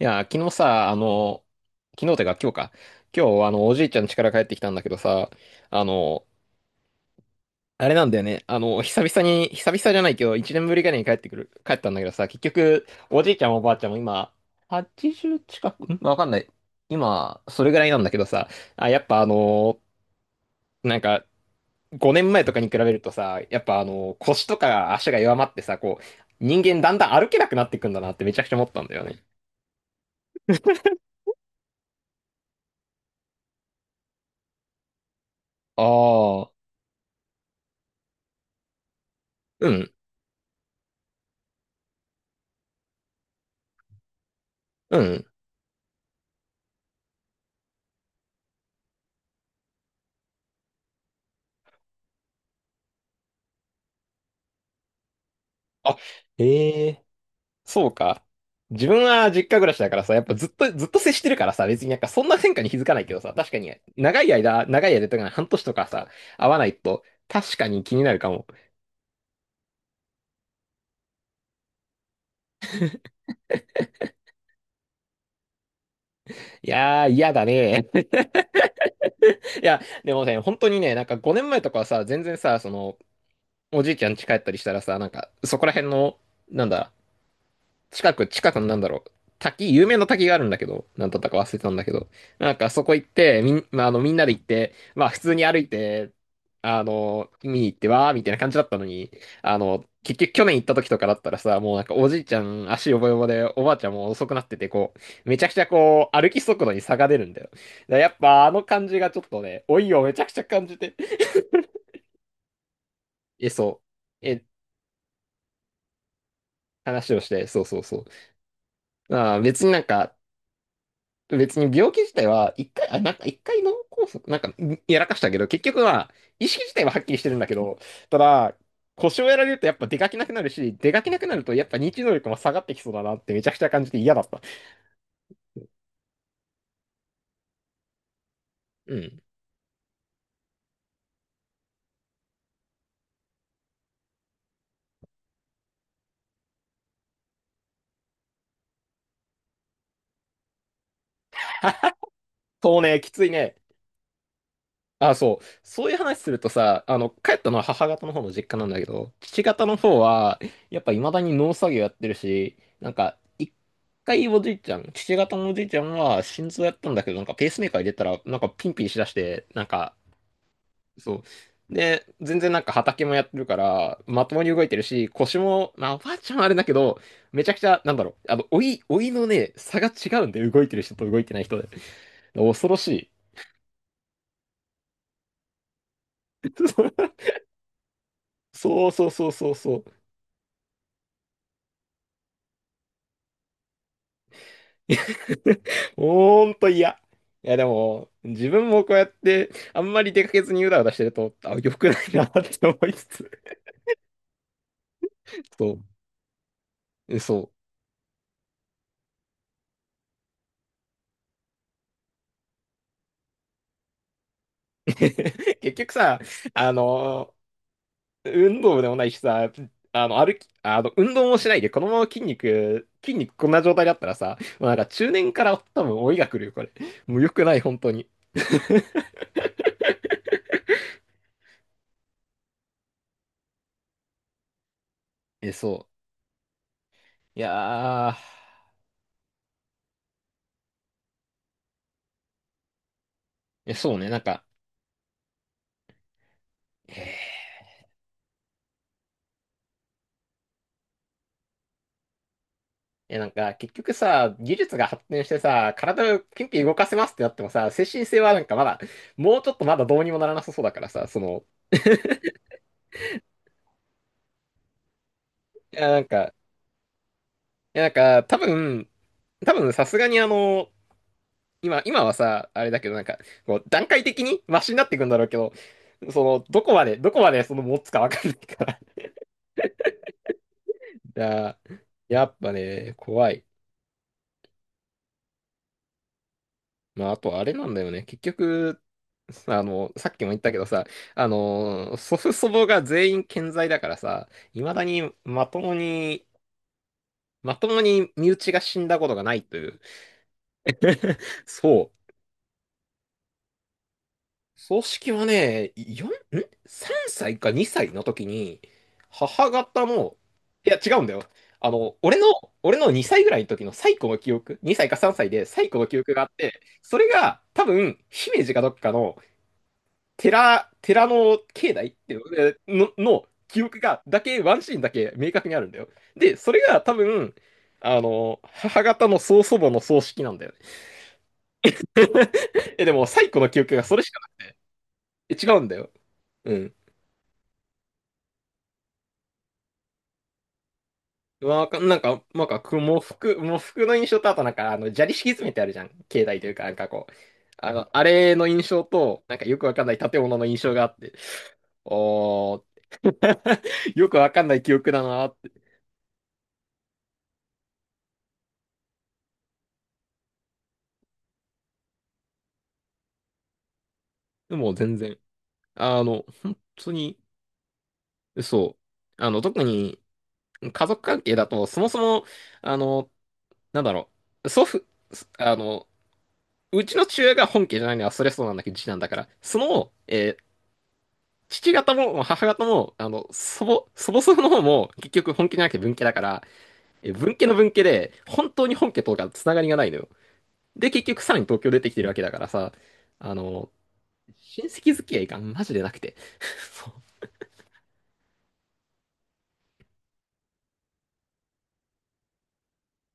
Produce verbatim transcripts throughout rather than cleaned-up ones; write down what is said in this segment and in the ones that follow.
いや、昨日さ、あの、昨日てか今日か。今日、あの、おじいちゃん家から帰ってきたんだけどさ、あの、あれなんだよね。あの、久々に、久々じゃないけど、一年ぶりぐらいに帰ってくる、帰ったんだけどさ、結局、おじいちゃんもおばあちゃんも今、はちじゅう近く、んわかんない。今、それぐらいなんだけどさ、あ、やっぱあの、なんか、ごねんまえとかに比べるとさ、やっぱあの、腰とか足が弱まってさ、こう、人間だんだん歩けなくなってくんだなってめちゃくちゃ思ったんだよね。ああ、うん、うん。あ、ええ、そうか。自分は実家暮らしだからさ、やっぱずっと、ずっと接してるからさ、別になんかそんな変化に気づかないけどさ、確かに長い間、長い間とか半年とかさ、会わないと、確かに気になるかも。いやー、嫌だね。いや、でもね、本当にね、なんかごねんまえとかはさ、全然さ、その、おじいちゃん家帰ったりしたらさ、なんか、そこら辺の、なんだ、近く、近くのなんだろう、滝、有名な滝があるんだけど、なんだったか忘れてたんだけど、なんかそこ行って、みん、まあ、あの、みんなで行って、まあ、普通に歩いて、あの、見に行ってわーみたいな感じだったのに、あの、結局去年行った時とかだったらさ、もうなんかおじいちゃん足よぼよぼで、おばあちゃんも遅くなってて、こう、めちゃくちゃこう、歩き速度に差が出るんだよ。だからやっぱあの感じがちょっとね、老いをめちゃくちゃ感じて、え、そう、え、話をして、そうそうそう。まあ別になんか、別に病気自体は、一回、あ、なんか一回脳梗塞、なんかんやらかしたけど、結局は、意識自体ははっきりしてるんだけど、ただ、腰をやられるとやっぱ出かけなくなるし、出かけなくなるとやっぱ認知能力も下がってきそうだなってめちゃくちゃ感じて嫌だった。うん。そうね、きついね。あ、そう。そういう話するとさ、あの、帰ったのは母方の方の実家なんだけど、父方の方は、やっぱ未だに農作業やってるし、なんか、一回おじいちゃん、父方のおじいちゃんは心臓やったんだけど、なんかペースメーカー入れたら、なんかピンピンしだして、なんか、そう。で、全然なんか畑もやってるから、まともに動いてるし、腰も、まあ、おばあちゃんはあれだけど、めちゃくちゃ、なんだろう、あの、老い、老いのね、差が違うんで、動いてる人と動いてない人で。恐ろしい。そうそうそうそうそう。ほんと嫌。いや、でも、自分もこうやって、あんまり出かけずにうだうだしてると、あ、良くないなって思いつつ。そう、そう。結局さ、あの、運動部でもないしさ、あの、歩き、あの、運動もしないで、このまま筋肉、筋肉こんな状態だったらさ、もうなんか中年から多分老いが来るよ、これ。もう良くない、本当に。え、そう。いやー、え、そうね、なんか、えーえ、なんか、結局さ、技術が発展してさ、体をピンピン動かせますってなってもさ、精神性はなんかまだ、もうちょっとまだどうにもならなさそうだからさ、その、いや、なんか、いや、なんか、多分、多分、さすがにあの、今、今はさ、あれだけど、なんか、こう、段階的にマシになっていくんだろうけど、その、どこまで、どこまでその持つかわかんないから。いや、やっぱね、怖い。まあ、あとあれなんだよね。結局、あの、さっきも言ったけどさ、あの、祖父祖母が全員健在だからさ、未だにまともに、まともに身内が死んだことがないという。そう。葬式はね、よん、ん ?さん 歳かにさいの時に、母方の、いや違うんだよ。あの、俺の、俺のにさいぐらいの時の最古の記憶、にさいかさんさいで最古の記憶があって、それが多分、姫路かどっかの寺、寺の境内っていうの、の、の記憶が、だけ、ワンシーンだけ明確にあるんだよ。で、それが多分、あの、母方の曽祖母の葬式なんだよね。え、でも、最古の記憶がそれしかなくて、え違うんだよ。うん。まあ、なんか、なんか、く喪服、喪服の印象と、あとなんか、あの、砂利敷き詰めてあるじゃん。境内というか、なんかこう、あの、あれの印象と、なんかよくわかんない建物の印象があって、おー、よくわかんない記憶だなーって。でもう全然。あの、本当に、そう。あの、特に、家族関係だと、そもそも、あの、なんだろう、祖父、すあの、うちの父親が本家じゃないのは、それそうなんだけど、次男だから、その、えー父方も母方も、あの、祖母、祖母祖父の方も、結局本家じゃなくて文家だから、えー文家の文家で、本当に本家とかつながりがないのよ。で、結局さらに東京出てきてるわけだからさ、あの、親戚付き合いがマジでなくて。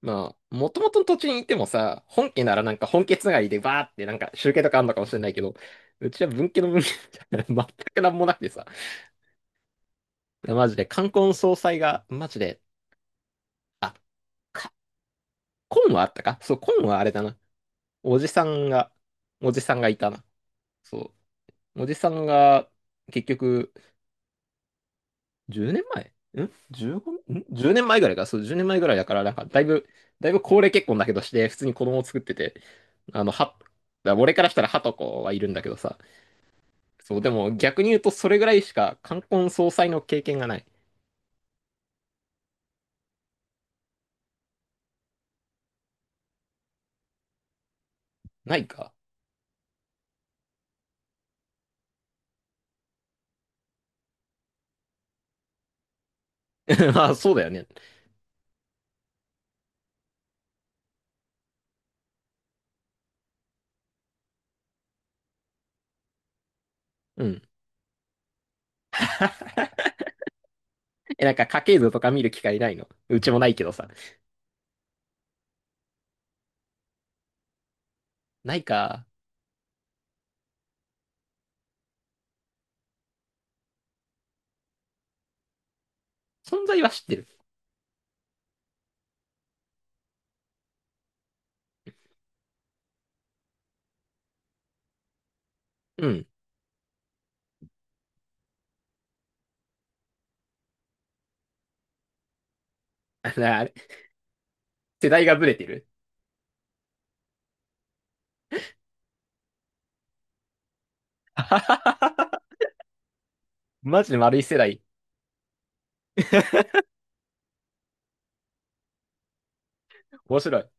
まあ、もともとの土地にいてもさ、本家ならなんか本家つながりでバーってなんか集計とかあんのかもしれないけど、うちは文家の文家じゃない 全くなんもなくてさ、マジで冠婚葬祭が、マジで、あ、か、婚はあったかそう、婚はあれだな。おじさんが、おじさんがいたな。そう。おじさんが、結局、じゅうねんまえん ?じゅうご? ん ?じゅう 年前ぐらいか。そう、じゅうねんまえぐらいだから、なんか、だいぶ、だいぶ高齢結婚だけどして、普通に子供を作ってて、あの、は、だから俺からしたら、ハとコはいるんだけどさ。そう、でも逆に言うと、それぐらいしか冠婚葬祭の経験がない。ないか まあ、そうだよね。うん。え、なんか、家系図とか見る機会ないのうちもないけどさ。ないか。存在は知ってる。うん。あれ世代がブレてる。マジで丸い世代。面白い。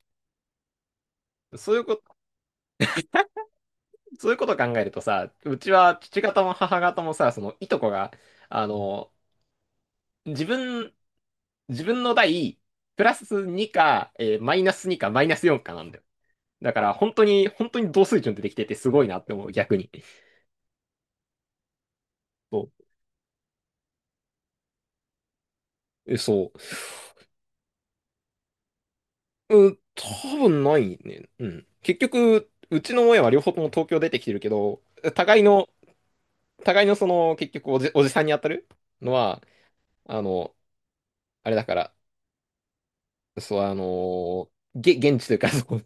そういうこと、そういうことを考えるとさ、うちは父方も母方もさ、そのいとこが、あの、自分、自分の代、プラスにか、えーマイナスにか、マイナスよんかなんだよ。だから本当に、本当に同水準でできててすごいなって思う、逆に。そう。え、そう。うん、多分ないね。うん。結局、うちの親は両方とも東京出てきてるけど、互いの、互いのその、結局おじ、おじさんに当たるのは、あの、あれだから、そう、あのーげ、現地というか、その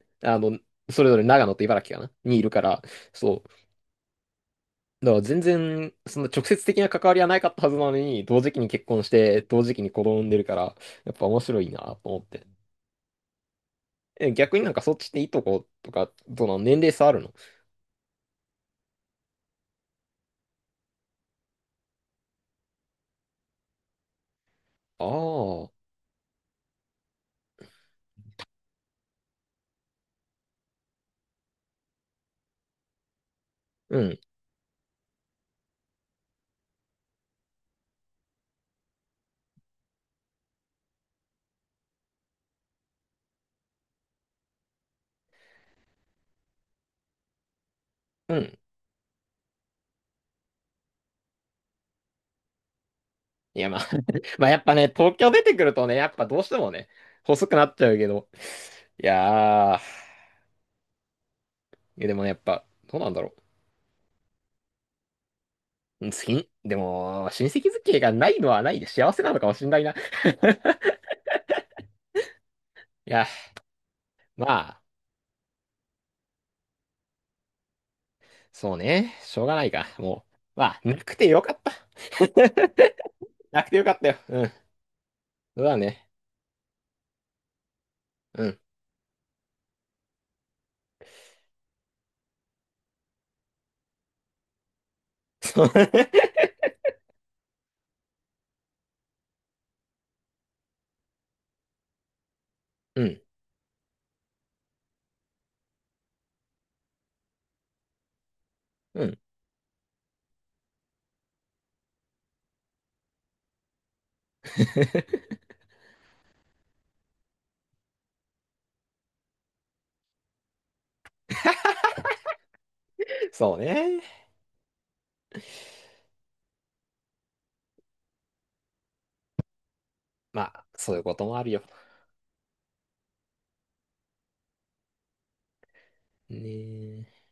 あの、それぞれ長野と茨城かなにいるから、そう。だから全然、その直接的な関わりはないかったはずなのに、同時期に結婚して、同時期に子供産んでるから、やっぱ面白いなと思って。え、逆になんかそっちっていいとことか、どうなの年齢差あるのああ、うん、うん。いや、まあ、まあやっぱね、東京出てくるとね、やっぱどうしてもね、細くなっちゃうけど、いやー、いやでもね、やっぱ、どうなんだろう。うん好き、でも、親戚付き合いがないのはないで幸せなのかもしんないな。いや、まあ、そうね。しょうがないか。もう、まあ、なくてよかった。なくてよかったよ。うん。そうだね。うん。そう。うん。うん。そうね。まあ、そういうこともあるよ。ねえ。